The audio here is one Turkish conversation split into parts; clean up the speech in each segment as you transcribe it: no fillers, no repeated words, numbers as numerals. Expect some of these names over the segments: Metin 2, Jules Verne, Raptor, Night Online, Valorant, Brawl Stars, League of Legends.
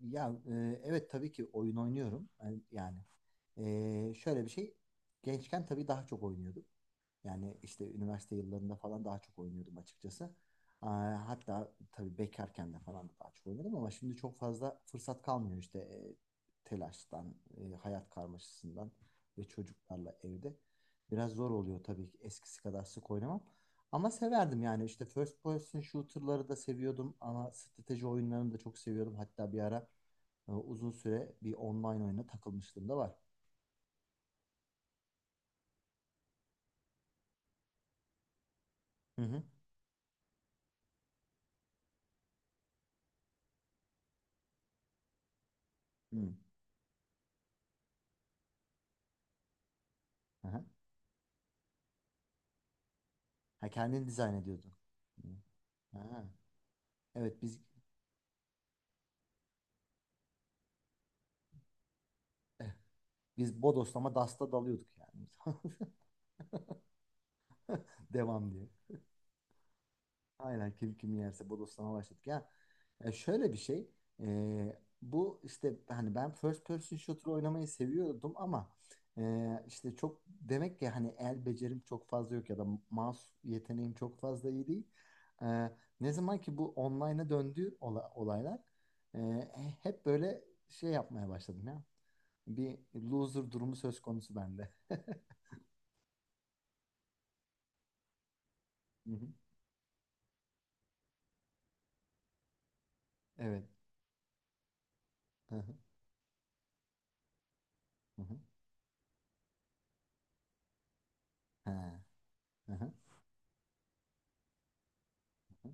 Ya evet tabii ki oyun oynuyorum. Yani, şöyle bir şey. Gençken tabii daha çok oynuyordum. Yani işte üniversite yıllarında falan daha çok oynuyordum açıkçası. Hatta tabii bekarken de falan da daha çok oynadım ama şimdi çok fazla fırsat kalmıyor işte telaştan, hayat karmaşasından ve çocuklarla evde. Biraz zor oluyor tabii ki eskisi kadar sık oynamam. Ama severdim yani işte first person shooter'ları da seviyordum ama strateji oyunlarını da çok seviyordum. Hatta bir ara uzun süre bir online oyuna takılmışlığım da var. Hı hı. Hı. Aha. Ha, kendin dizayn ediyordun. Hı. Ha. Evet, biz bodoslama dasta dalıyorduk yani. Devam diye. Aynen, kim kim yerse bodoslama başladık ya. Şöyle bir şey. Bu işte hani ben first person shooter oynamayı seviyordum ama işte çok demek ki hani el becerim çok fazla yok ya da mouse yeteneğim çok fazla iyi değil. E, ne zaman ki bu online'a döndü olaylar, e, hep böyle şey yapmaya başladım ya. Bir loser durumu söz konusu bende. Hı hı. Evet. Hı hı. Hı hı. Ha. Hı hı. Hı hı.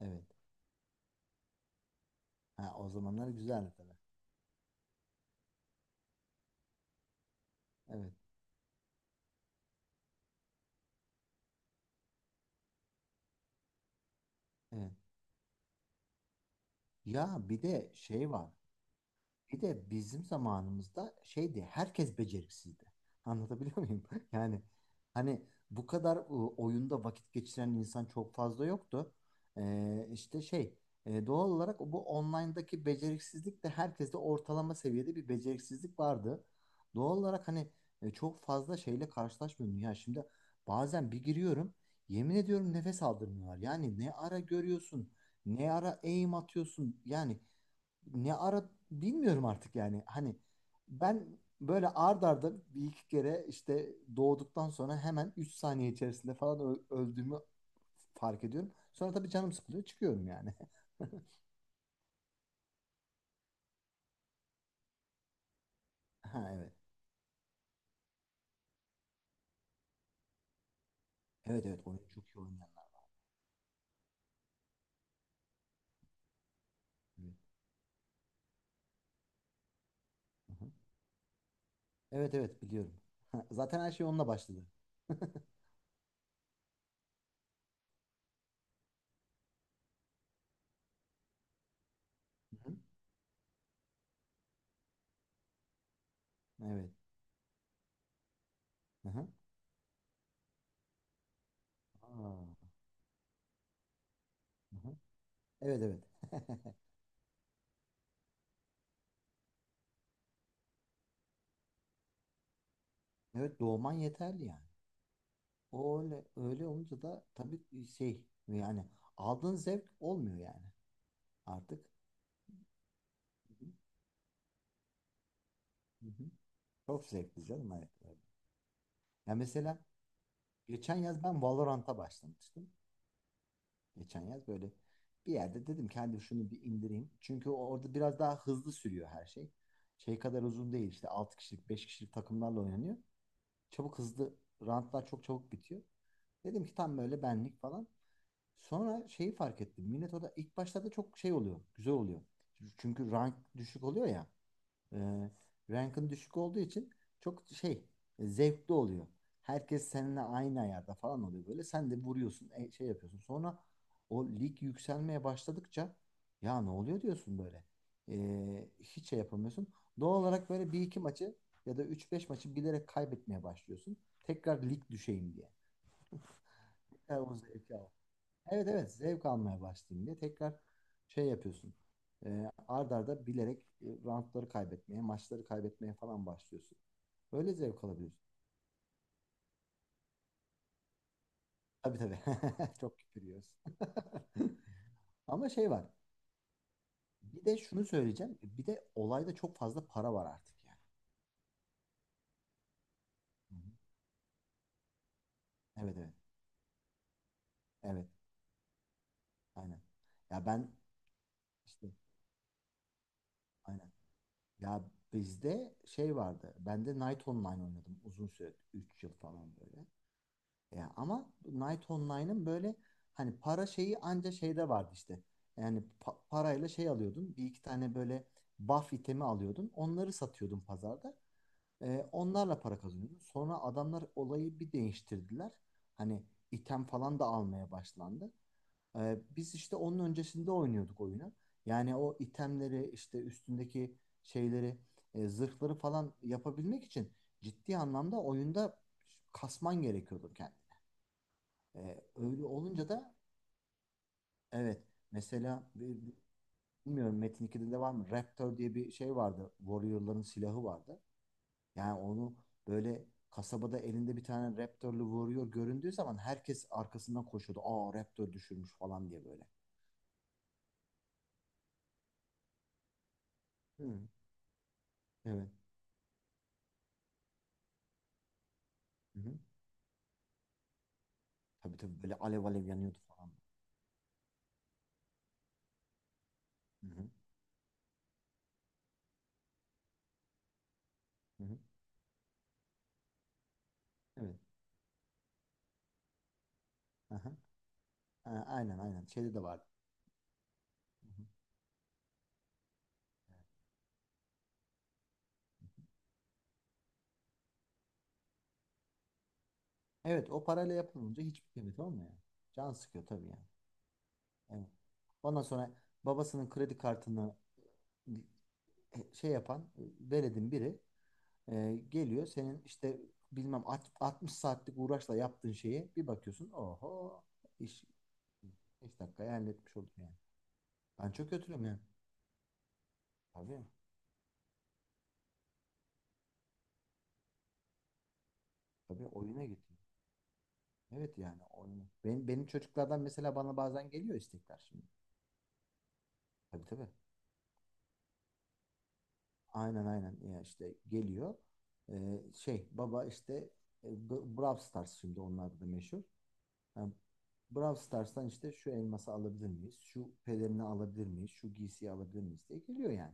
Evet. Ha, o zamanlar güzeldi tabii. Evet. Evet. Ya bir de şey var. Bir de bizim zamanımızda şeydi, herkes beceriksizdi. Anlatabiliyor muyum? Yani hani bu kadar oyunda vakit geçiren insan çok fazla yoktu. İşte şey, doğal olarak bu online'daki beceriksizlik de, herkeste ortalama seviyede bir beceriksizlik vardı. Doğal olarak hani çok fazla şeyle karşılaşmıyordum. Ya şimdi bazen bir giriyorum, yemin ediyorum nefes aldırmıyorlar. Yani ne ara görüyorsun, ne ara aim atıyorsun yani, ne ara bilmiyorum artık yani. Hani ben böyle ard arda bir iki kere işte doğduktan sonra hemen 3 saniye içerisinde falan öldüğümü fark ediyorum. Sonra tabii canım sıkılıyor, çıkıyorum yani. Ha, evet. Evet, evet oyun çok iyi oynayanlar. Evet. Hı hı. Evet, evet biliyorum. Zaten her şey onunla başladı. Hı hı. Evet. Hı hı. Aa, hı hı. Evet, evet. Evet, doğman yeterli yani. O öyle öyle olunca da tabii şey yani, aldığın zevk olmuyor yani artık. Hı hı. Hı hı. Çok zevkli canım, evet. Evet. Ya mesela geçen yaz ben Valorant'a başlamıştım. Geçen yaz böyle bir yerde dedim ki hadi şunu bir indireyim. Çünkü orada biraz daha hızlı sürüyor her şey. Şey kadar uzun değil, işte 6 kişilik 5 kişilik takımlarla oynanıyor. Çabuk, hızlı, rantlar çok çabuk bitiyor. Dedim ki tam böyle benlik falan. Sonra şeyi fark ettim. Millet orada ilk başlarda çok şey oluyor, güzel oluyor. Çünkü rank düşük oluyor ya. E, rankın düşük olduğu için çok şey, zevkli oluyor. Herkes seninle aynı ayarda falan oluyor böyle. Sen de vuruyorsun, şey yapıyorsun. Sonra o lig yükselmeye başladıkça, ya ne oluyor diyorsun böyle. Hiç şey yapamıyorsun. Doğal olarak böyle bir iki maçı ya da üç beş maçı bilerek kaybetmeye başlıyorsun. Tekrar lig düşeyim diye. Tekrar o zevki, evet, evet, zevk almaya başlayayım diye tekrar şey yapıyorsun. Ard arda bilerek, roundları kaybetmeye, maçları kaybetmeye falan başlıyorsun. Böyle zevk alabiliyorsun. Tabii, tabii. Çok küfür yiyoruz. Ama şey var. Bir de şunu söyleyeceğim. Bir de olayda çok fazla para var artık yani. Hı hı. Evet, evet. Evet. Aynen. Ya ben işte aynen. Ya bizde şey vardı. Ben de Night Online oynadım uzun süre, 3 yıl falan böyle. Ya ama Night Online'ın böyle hani para şeyi anca şeyde vardı işte. Yani parayla şey alıyordun. Bir iki tane böyle buff itemi alıyordun. Onları satıyordun pazarda. Onlarla para kazanıyordun. Sonra adamlar olayı bir değiştirdiler. Hani item falan da almaya başlandı. Biz işte onun öncesinde oynuyorduk oyunu. Yani o itemleri, işte üstündeki şeyleri, zırhları falan yapabilmek için ciddi anlamda oyunda kasman gerekiyordu kendini. Öyle olunca da, evet, mesela bilmiyorum Metin 2'de de var mı? Raptor diye bir şey vardı. Warrior'ların silahı vardı. Yani onu böyle kasabada elinde bir tane Raptor'lu Warrior göründüğü zaman herkes arkasından koşuyordu. Aa, Raptor düşürmüş falan diye böyle. Hı, evet. Hı hı. Tabii, tabii böyle alev alev yanıyordu falan. Hı hı. Hı hı. Evet. Aha. Ha, aynen, aynen. Şeyde de vardı. Hı hı. Evet, o parayla yapılınca hiçbir kıymeti olmuyor. Can sıkıyor tabii yani. Evet. Ondan sonra babasının kredi kartını şey yapan veledin biri, geliyor senin işte bilmem 60 saatlik uğraşla yaptığın şeyi, bir bakıyorsun oho, iş 5 dakikaya halletmiş oldum yani. Ben çok kötüyüm yani. Tabii, tabii oyuna gidiyor. Evet yani oyun. Benim çocuklardan mesela bana bazen geliyor istekler şimdi. Tabii, tabii. Aynen, aynen ya işte geliyor. Şey baba işte, Brawl Stars şimdi onlarda da meşhur. Yani Brawl Stars'tan işte şu elması alabilir miyiz? Şu pelerini alabilir miyiz? Şu giysiyi alabilir miyiz diye geliyor yani.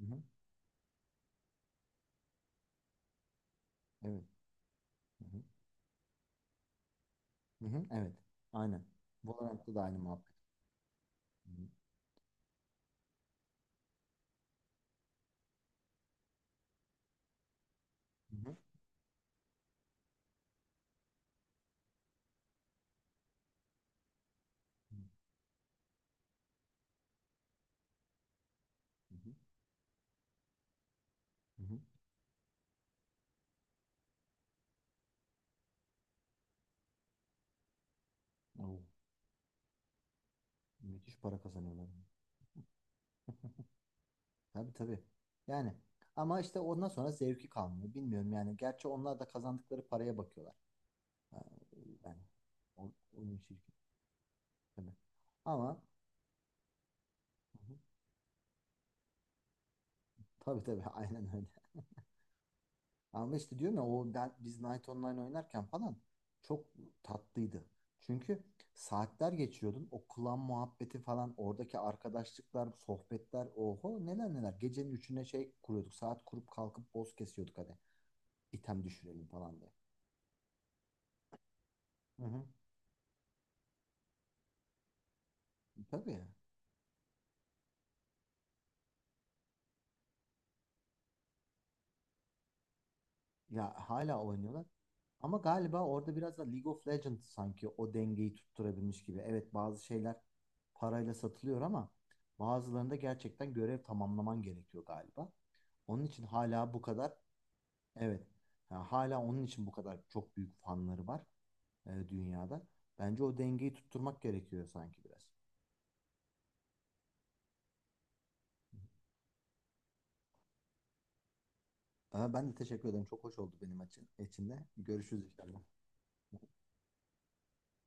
Hı hı. Evet. Hı hı. Hı hı. Evet. Aynen. Valorant'ta da aynı muhabbet. Hı hı. Hı hı. Hı hı. Hı hı. Oo, müthiş para kazanıyorlar. Tabii, tabii. Yani ama işte ondan sonra zevki kalmıyor. Bilmiyorum yani. Gerçi onlar da kazandıkları paraya bakıyorlar. Ha, yani o- oyun şirketi. Tabii. Ama hı hı, tabii, tabii aynen öyle. Ama işte diyorum ya o biz Night Online oynarken falan çok tatlıydı. Çünkü saatler geçiyordun. O klan muhabbeti falan, oradaki arkadaşlıklar, sohbetler, oho neler neler. Gecenin üçüne şey kuruyorduk, saat kurup kalkıp boss kesiyorduk hani. Item düşürelim falan diye. Hı hı. Tabii. Ya hala oynuyorlar. Ama galiba orada biraz da League of Legends sanki o dengeyi tutturabilmiş gibi. Evet, bazı şeyler parayla satılıyor ama bazılarında gerçekten görev tamamlaman gerekiyor galiba. Onun için hala bu kadar, evet, ha, hala onun için bu kadar çok büyük fanları var dünyada. Bence o dengeyi tutturmak gerekiyor sanki biraz. Ama ben de teşekkür ederim. Çok hoş oldu benim için. İçinde. Görüşürüz inşallah.